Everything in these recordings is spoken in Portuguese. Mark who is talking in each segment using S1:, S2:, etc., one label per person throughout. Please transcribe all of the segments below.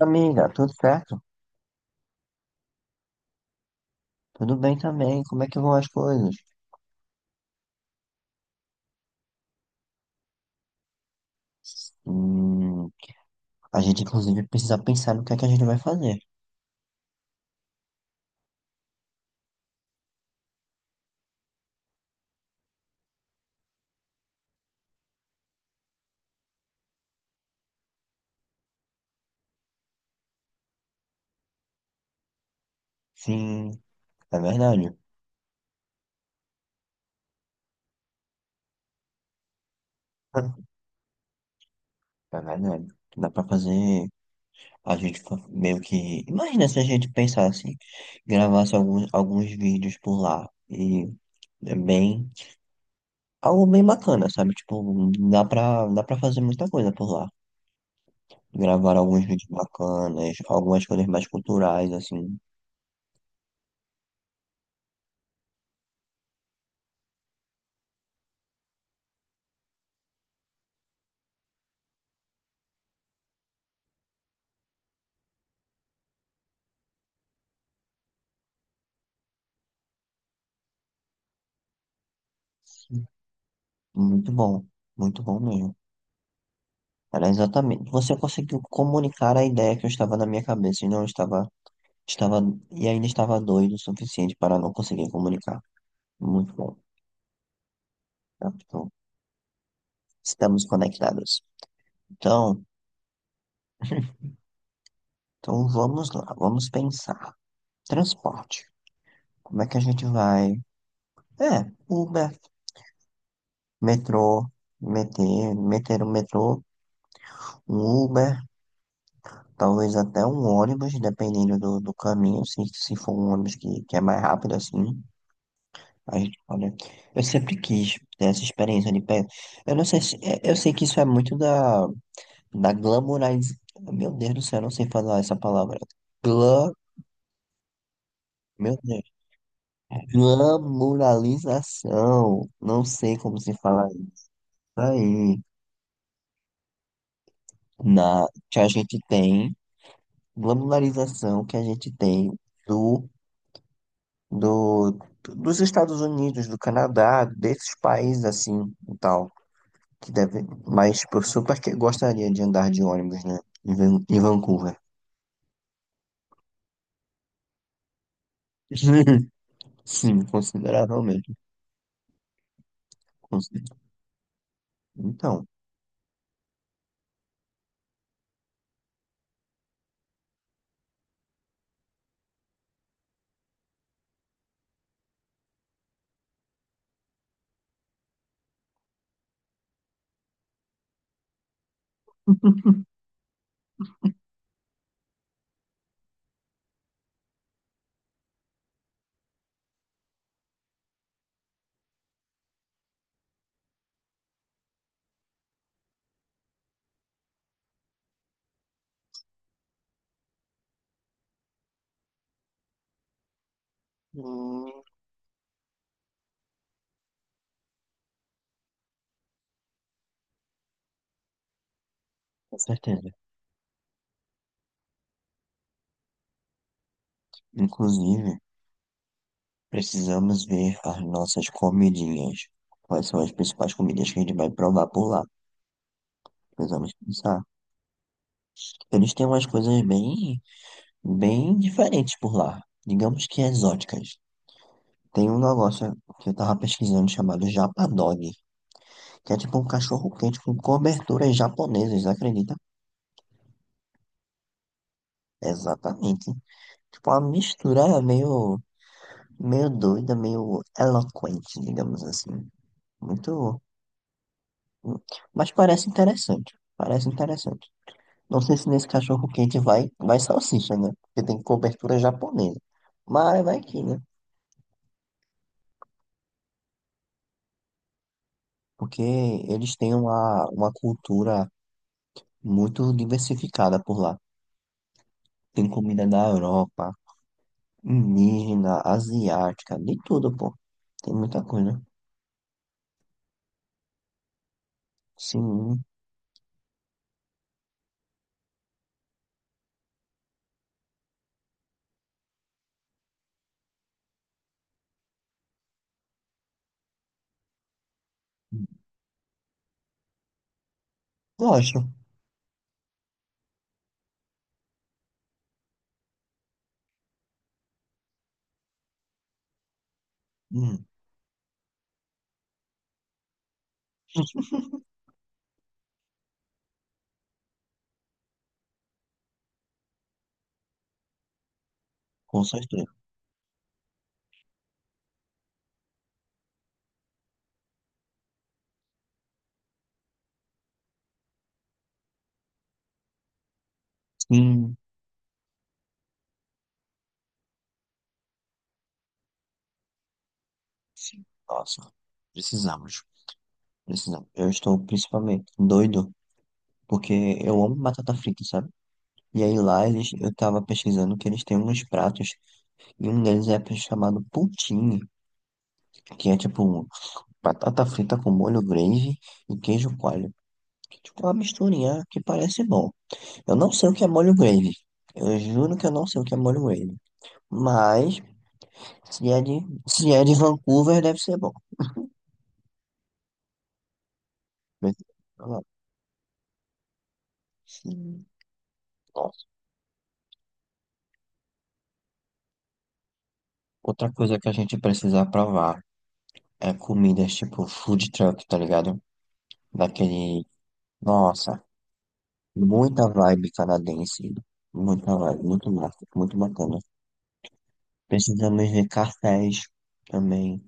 S1: Amiga, tudo certo? Tudo bem também? Como é que vão as coisas? Hum, a gente, inclusive, precisa pensar no que é que a gente vai fazer. Sim, é verdade. É verdade. Dá pra fazer. A gente meio que. Imagina se a gente pensasse, gravasse alguns vídeos por lá. E é bem. Algo bem bacana, sabe? Tipo, dá pra fazer muita coisa por lá. Gravar alguns vídeos bacanas, algumas coisas mais culturais, assim. Muito bom, muito bom mesmo. Era exatamente. Você conseguiu comunicar a ideia que eu estava na minha cabeça e não estava, estava e ainda estava doido o suficiente para não conseguir comunicar. Muito bom. Tá? Então, estamos conectados. Então, então vamos lá, vamos pensar. Transporte. Como é que a gente vai? É, Uber, metrô, meter o metrô, um Uber, talvez até um ônibus, dependendo do caminho, se for um ônibus que é mais rápido assim. A gente, olha, eu sempre quis ter essa experiência de pé. Eu não sei se. Eu sei que isso é muito da glamoriz... Meu Deus do céu, eu não sei falar essa palavra. Glam... Meu Deus. Glamoralização. Não sei como se fala isso aí. Na... Que a gente tem. Glamoralização que a gente tem do, do, dos Estados Unidos, do Canadá, desses países assim e tal. Que deve, mas tipo, eu super que gostaria de andar de ônibus, né? Em Vancouver. Sim, consideravelmente. consi- Então, hum, com certeza. Inclusive, precisamos ver as nossas comidinhas. Quais são as principais comidas que a gente vai provar por lá? Precisamos pensar. Eles têm umas coisas bem, bem diferentes por lá. Digamos que exóticas. Tem um negócio que eu tava pesquisando chamado Japa Dog. Que é tipo um cachorro quente com coberturas japonesas, acredita? Exatamente. Tipo, uma mistura meio, meio doida, meio eloquente, digamos assim. Muito. Mas parece interessante. Parece interessante. Não sei se nesse cachorro quente vai salsicha, né? Porque tem cobertura japonesa. Mas vai que, né? Porque eles têm uma cultura muito diversificada por lá. Tem comida da Europa, indígena, asiática, de tudo, pô. Tem muita coisa. Sim, eu acho. Hum, com certeza. Sim, sim. Nossa, precisamos. Precisamos. Eu estou principalmente doido, porque eu amo batata frita, sabe? E aí lá eles, eu tava pesquisando que eles têm uns pratos, e um deles é chamado poutine, que é tipo batata frita com molho gravy e queijo coalho. Que, tipo, é tipo uma misturinha que parece bom. Eu não sei o que é molho gravy. Eu juro que eu não sei o que é molho gravy. Mas Se é de, se é de Vancouver, deve ser bom. Sim. Nossa. Outra coisa que a gente precisa provar é comidas tipo food truck, tá ligado? Daquele. Nossa, muita vibe canadense. Muita vibe, muito massa, muito bacana. Precisamos ver cafés também.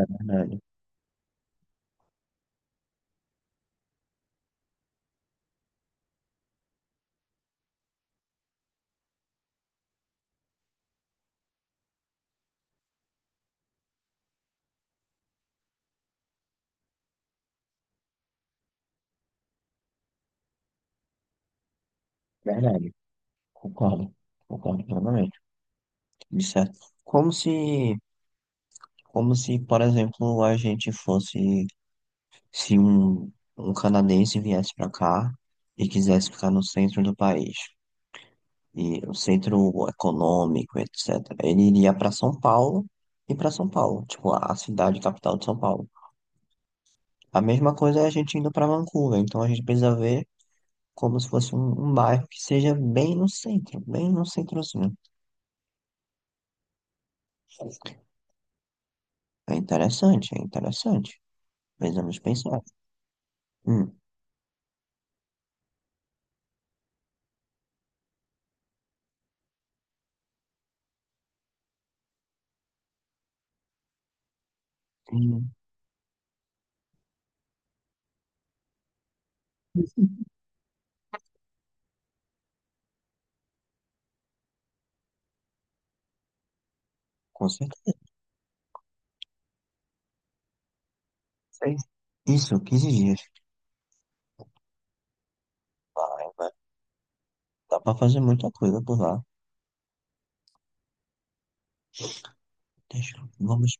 S1: Verdade, verdade. Concordo, concordo plenamente. De certo. Como se, como se, por exemplo, a gente fosse se um canadense viesse para cá e quisesse ficar no centro do país, e o centro econômico, etc., ele iria para São Paulo e para São Paulo, tipo, a cidade capital de São Paulo. A mesma coisa é a gente indo para Vancouver, então a gente precisa ver como se fosse um bairro que seja bem no centro, bem no centrozinho. É interessante, é interessante. Precisamos pensar. Hum, hum, com certeza. Isso, 15 dias. Dá pra fazer muita coisa por lá. Deixa, vamos.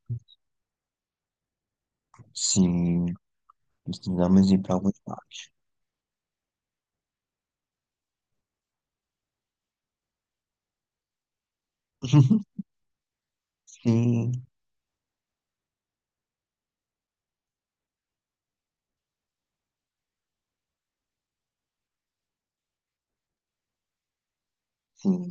S1: Sim, precisamos ir pra alguns parques. Sim, sim,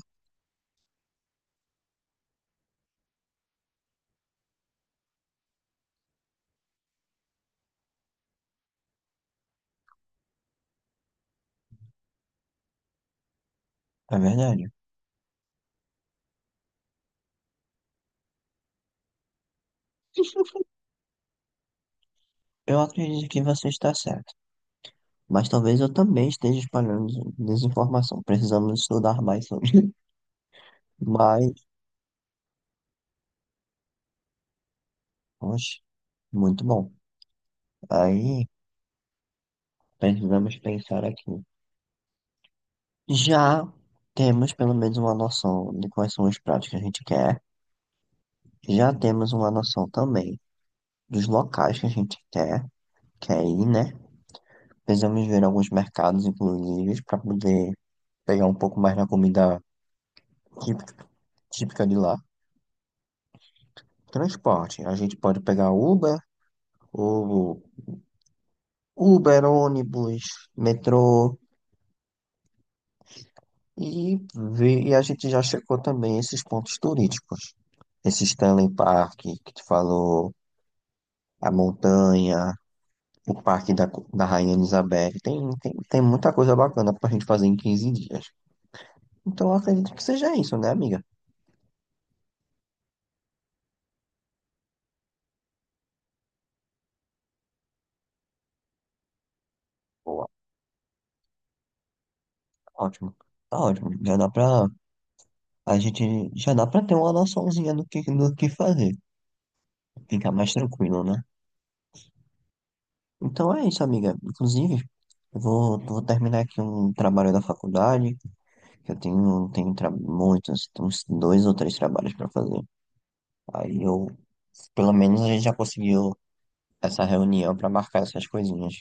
S1: é verdade. Eu acredito que você está certo, mas talvez eu também esteja espalhando desinformação. Precisamos estudar mais sobre. Mas, oxe, muito bom. Aí, precisamos pensar aqui. Já temos pelo menos uma noção de quais são os pratos que a gente quer. Já temos uma noção também dos locais que a gente quer, ir, né? Precisamos ver alguns mercados, inclusive, para poder pegar um pouco mais da comida típica, típica de lá. Transporte, a gente pode pegar Uber, ou Uber, ônibus, metrô, e, ver, e a gente já checou também esses pontos turísticos. Esse Stanley Park que tu falou, a montanha, o Parque da Rainha Elizabeth, tem muita coisa bacana pra gente fazer em 15 dias. Então eu acredito que seja isso, né, amiga? Ótimo. Tá ótimo. Já dá pra. A gente já dá pra ter uma noçãozinha do que fazer. Ficar mais tranquilo, né? Então é isso, amiga. Inclusive, eu vou terminar aqui um trabalho da faculdade, que eu tenho muitos, tem uns dois ou três trabalhos para fazer. Aí eu, pelo menos a gente já conseguiu essa reunião para marcar essas coisinhas,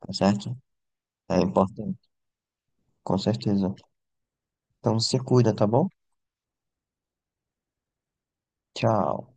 S1: tá certo? É importante, com certeza. Então se cuida, tá bom? Tchau.